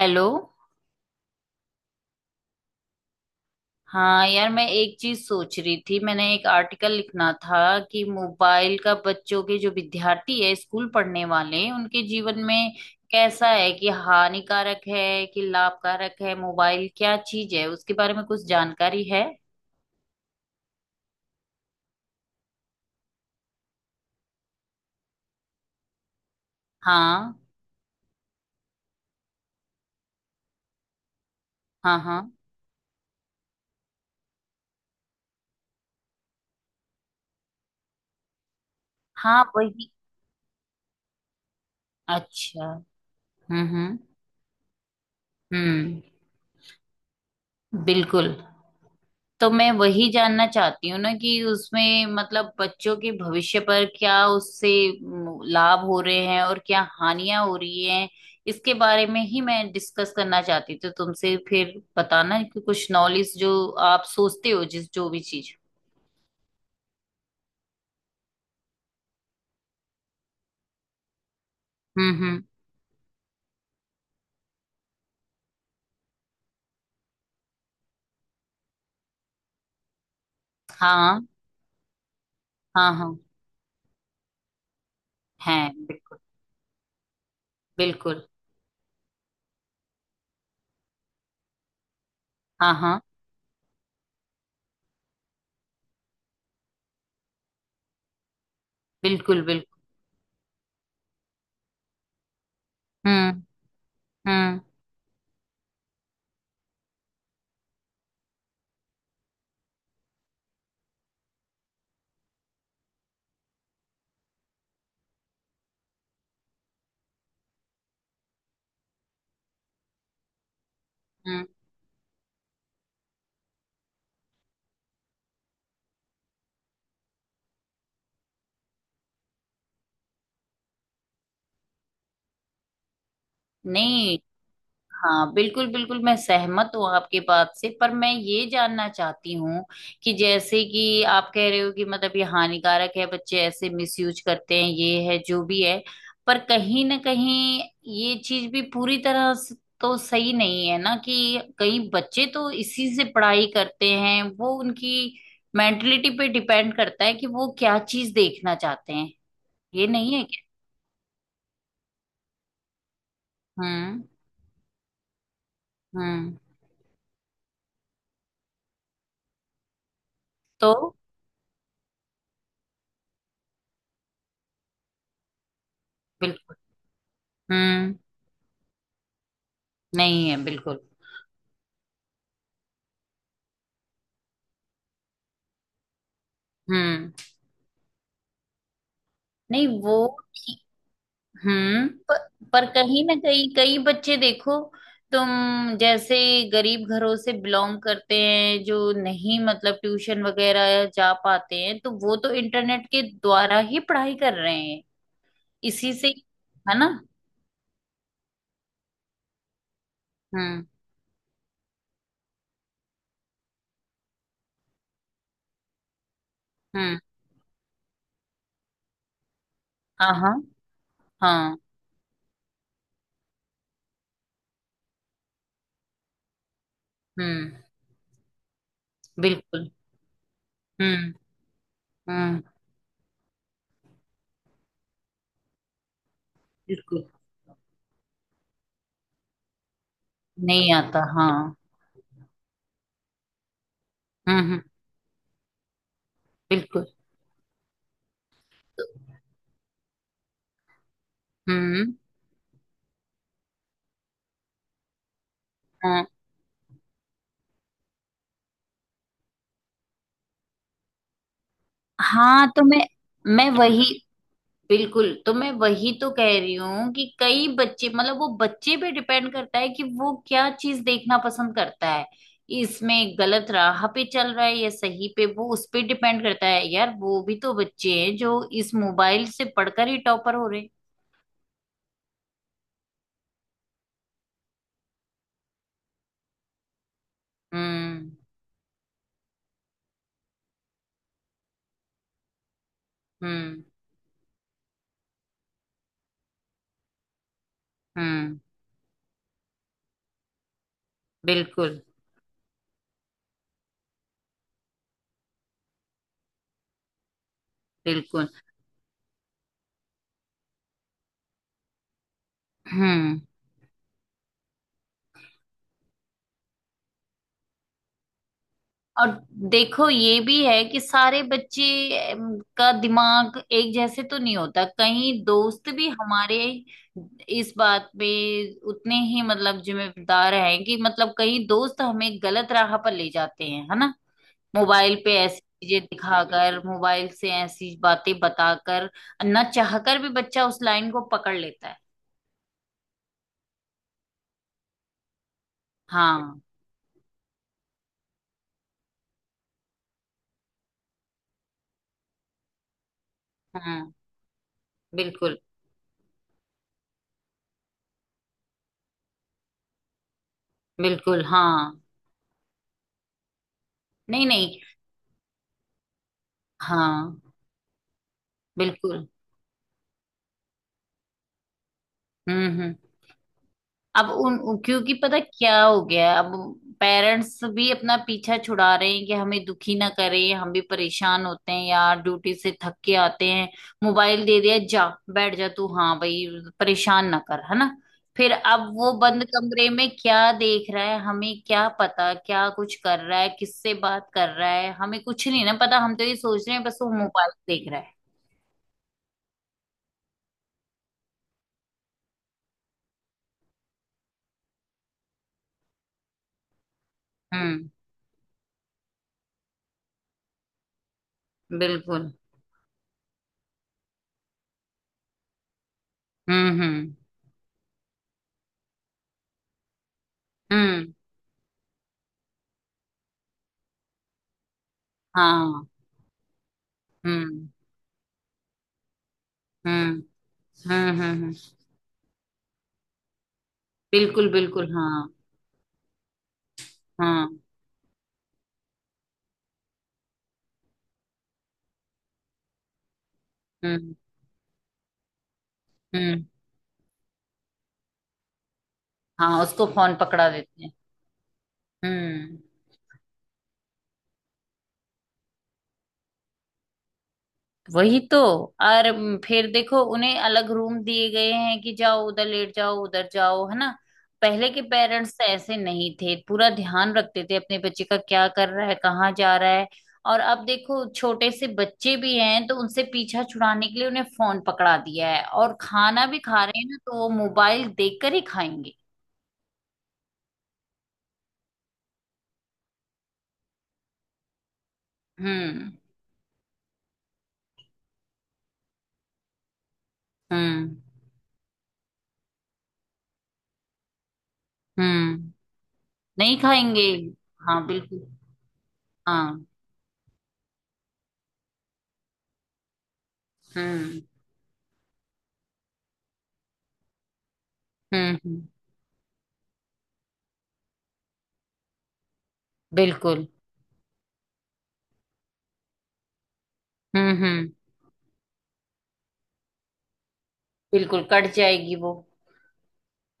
Hello. हाँ यार, मैं एक चीज सोच रही थी। मैंने एक आर्टिकल लिखना था कि मोबाइल का बच्चों के, जो विद्यार्थी है स्कूल पढ़ने वाले हैं, उनके जीवन में कैसा है, कि हानिकारक है कि लाभकारक है, मोबाइल क्या चीज है, उसके बारे में कुछ जानकारी है? हाँ। हाँ। हाँ। हाँ, वही। अच्छा। हम्म। हम्म। हम्म। बिल्कुल। तो मैं वही जानना चाहती हूँ ना कि उसमें मतलब बच्चों के भविष्य पर क्या उससे लाभ हो रहे हैं और क्या हानियां हो रही हैं। इसके बारे में ही मैं डिस्कस करना चाहती थी तुमसे। फिर बताना कि कुछ नॉलेज जो आप सोचते हो, जिस जो भी चीज। हम्म। हम्म। हाँ। हाँ। हाँ। है। बिल्कुल। बिल्कुल। हाँ। हाँ। बिल्कुल। बिल्कुल। हम्म। हम्म। हम्म। नहीं। हाँ, बिल्कुल बिल्कुल, मैं सहमत हूँ आपके बात से, पर मैं ये जानना चाहती हूँ कि जैसे कि आप कह रहे हो कि मतलब ये हानिकारक है, बच्चे ऐसे मिसयूज करते हैं, ये है जो भी है। पर कहीं ना कहीं ये चीज भी पूरी तरह से तो सही नहीं है ना कि कई बच्चे तो इसी से पढ़ाई करते हैं। वो उनकी मेंटलिटी पे डिपेंड करता है कि वो क्या चीज देखना चाहते हैं। ये नहीं है क्या? हम्म। हम्म। तो बिल्कुल। हम्म। नहीं है बिल्कुल। हम्म। नहीं वो। ठीक- हम्म। पर कहीं ना कहीं कई बच्चे देखो, तुम जैसे गरीब घरों से बिलोंग करते हैं, जो नहीं मतलब ट्यूशन वगैरह जा पाते हैं, तो वो तो इंटरनेट के द्वारा ही पढ़ाई कर रहे हैं, इसी से। है ना? हम्म। हम्म। हाँ। हाँ। हाँ। हम्म। बिल्कुल। हम्म। हम्म। बिल्कुल। नहीं आता हाँ। हम्म। हम्म। बिल्कुल। तो, हम्म। हाँ। हाँ, तो मैं वही। बिल्कुल, तो मैं वही तो कह रही हूँ कि कई बच्चे मतलब वो बच्चे पे डिपेंड करता है कि वो क्या चीज देखना पसंद करता है। इसमें गलत राह पे चल रहा है या सही पे, वो उस पे डिपेंड करता है। यार, वो भी तो बच्चे हैं जो इस मोबाइल से पढ़कर ही टॉपर हो रहे हैं। हम्म। हम्म। हम्म। बिल्कुल। बिल्कुल। हम्म। और देखो, ये भी है कि सारे बच्चे का दिमाग एक जैसे तो नहीं होता। कहीं दोस्त भी हमारे इस बात पे उतने ही मतलब जिम्मेदार हैं कि मतलब कहीं दोस्त हमें गलत राह पर ले जाते हैं, है ना। मोबाइल पे ऐसी चीजें दिखाकर, मोबाइल से ऐसी बातें बताकर, ना चाहकर भी बच्चा उस लाइन को पकड़ लेता है। हाँ। हाँ। बिल्कुल। बिल्कुल। हाँ। नहीं नहीं। हाँ। बिल्कुल। हम्म। हम्म। क्योंकि पता क्या हो गया है, अब पेरेंट्स भी अपना पीछा छुड़ा रहे हैं कि हमें दुखी ना करें, हम भी परेशान होते हैं यार, ड्यूटी से थक के आते हैं। मोबाइल दे दिया, जा बैठ जा तू, हाँ भाई, परेशान ना कर, है ना। फिर अब वो बंद कमरे में क्या देख रहा है, हमें क्या पता, क्या कुछ कर रहा है, किससे बात कर रहा है, हमें कुछ नहीं ना पता। हम तो ये सोच रहे हैं बस वो मोबाइल देख रहा है। हम्म। बिल्कुल। हम्म। हम्म। हम्म। हाँ। हम्म। हम्म। हुँ, हुँ, हुँ। बिल्कुल, बिल्कुल, हाँ, हाँ, हुँ, हुँ, हाँ, उसको फोन पकड़ा देते हैं। हम्म। वही तो। और फिर देखो, उन्हें अलग रूम दिए गए हैं कि जाओ उधर, लेट जाओ उधर जाओ, है ना। पहले के पेरेंट्स तो ऐसे नहीं थे, पूरा ध्यान रखते थे अपने बच्चे का, क्या कर रहा है, कहाँ जा रहा है। और अब देखो, छोटे से बच्चे भी हैं तो उनसे पीछा छुड़ाने के लिए उन्हें फोन पकड़ा दिया है, और खाना भी खा रहे हैं ना तो वो मोबाइल देखकर ही खाएंगे। हम्म। हम्म। हम्म। नहीं खाएंगे। हाँ बिल्कुल। हाँ। हम्म। हम्म। बिल्कुल। हम्म। हम्म। बिल्कुल कट जाएगी वो।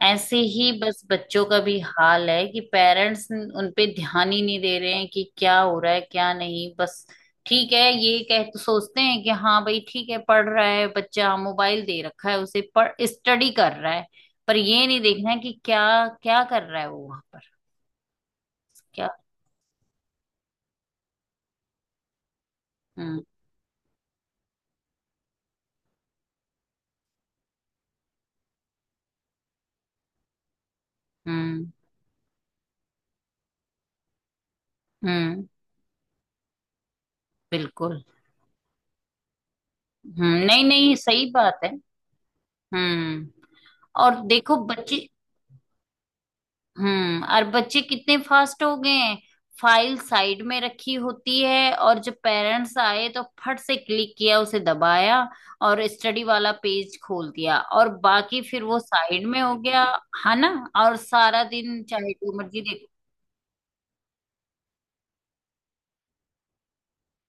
ऐसे ही बस बच्चों का भी हाल है कि पेरेंट्स उन पे ध्यान ही नहीं दे रहे हैं कि क्या हो रहा है क्या नहीं, बस ठीक है, ये कह तो सोचते हैं कि हाँ भाई ठीक है, पढ़ रहा है बच्चा, मोबाइल दे रखा है उसे, पढ़ स्टडी कर रहा है। पर ये नहीं देखना है कि क्या क्या कर रहा है वो वहां पर। क्या। हम्म। हम्म। हम्म। बिल्कुल। हम्म। नहीं नहीं सही बात है। हम्म। और देखो बच्चे। हम्म। और बच्चे कितने फास्ट हो गए हैं, फाइल साइड में रखी होती है और जब पेरेंट्स आए तो फट से क्लिक किया उसे, दबाया और स्टडी वाला पेज खोल दिया, और बाकी फिर वो साइड में हो गया, है ना। और सारा दिन चाहे जो मर्जी देखो।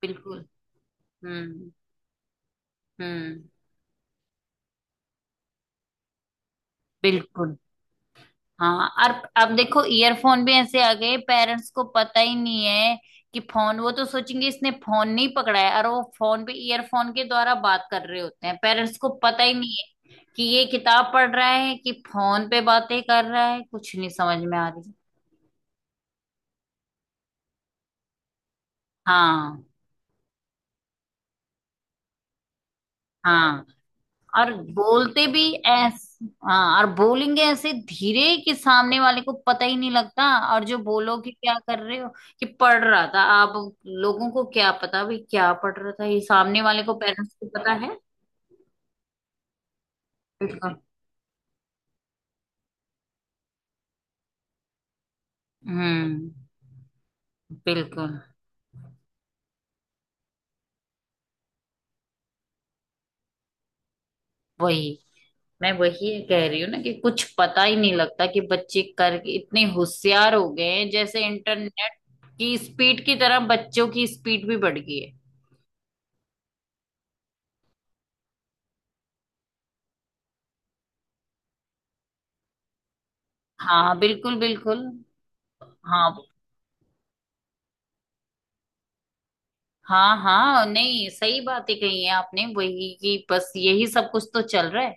बिल्कुल। हम्म। हम्म। बिल्कुल। हाँ। और अब देखो, ईयरफोन भी ऐसे आ गए, पेरेंट्स को पता ही नहीं है कि फोन, वो तो सोचेंगे इसने फोन नहीं पकड़ा है, और वो फोन पे ईयरफोन के द्वारा बात कर रहे होते हैं। पेरेंट्स को पता ही नहीं है कि ये किताब पढ़ रहा है कि फोन पे बातें कर रहा है, कुछ नहीं समझ में आ रही। हाँ। हाँ। और बोलते भी ऐसे, हाँ, और बोलेंगे ऐसे धीरे कि सामने वाले को पता ही नहीं लगता। और जो बोलो कि क्या कर रहे हो, कि पढ़ रहा था, आप लोगों को क्या पता भाई क्या पढ़ रहा था ये, सामने वाले को, पेरेंट्स को पता है। बिल्कुल। हम्म। बिल्कुल। वही, मैं वही कह रही हूँ ना कि कुछ पता ही नहीं लगता कि बच्चे करके इतने होशियार हो गए हैं, जैसे इंटरनेट की स्पीड की तरह बच्चों की स्पीड भी बढ़ गई है। हाँ। बिल्कुल बिल्कुल। हाँ। हाँ। हाँ, नहीं सही बातें कही है आपने वही, कि बस यही सब कुछ तो चल रहा है।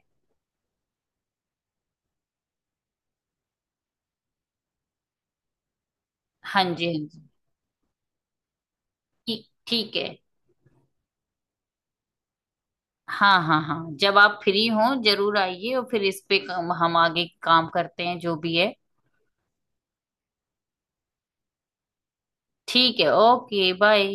हाँ जी, हाँ जी। ठीक, ठीक है। हाँ हाँ, हाँ जब आप फ्री हो जरूर आइए, और फिर इस पे हम आगे काम करते हैं, जो भी है। ठीक है, ओके बाय।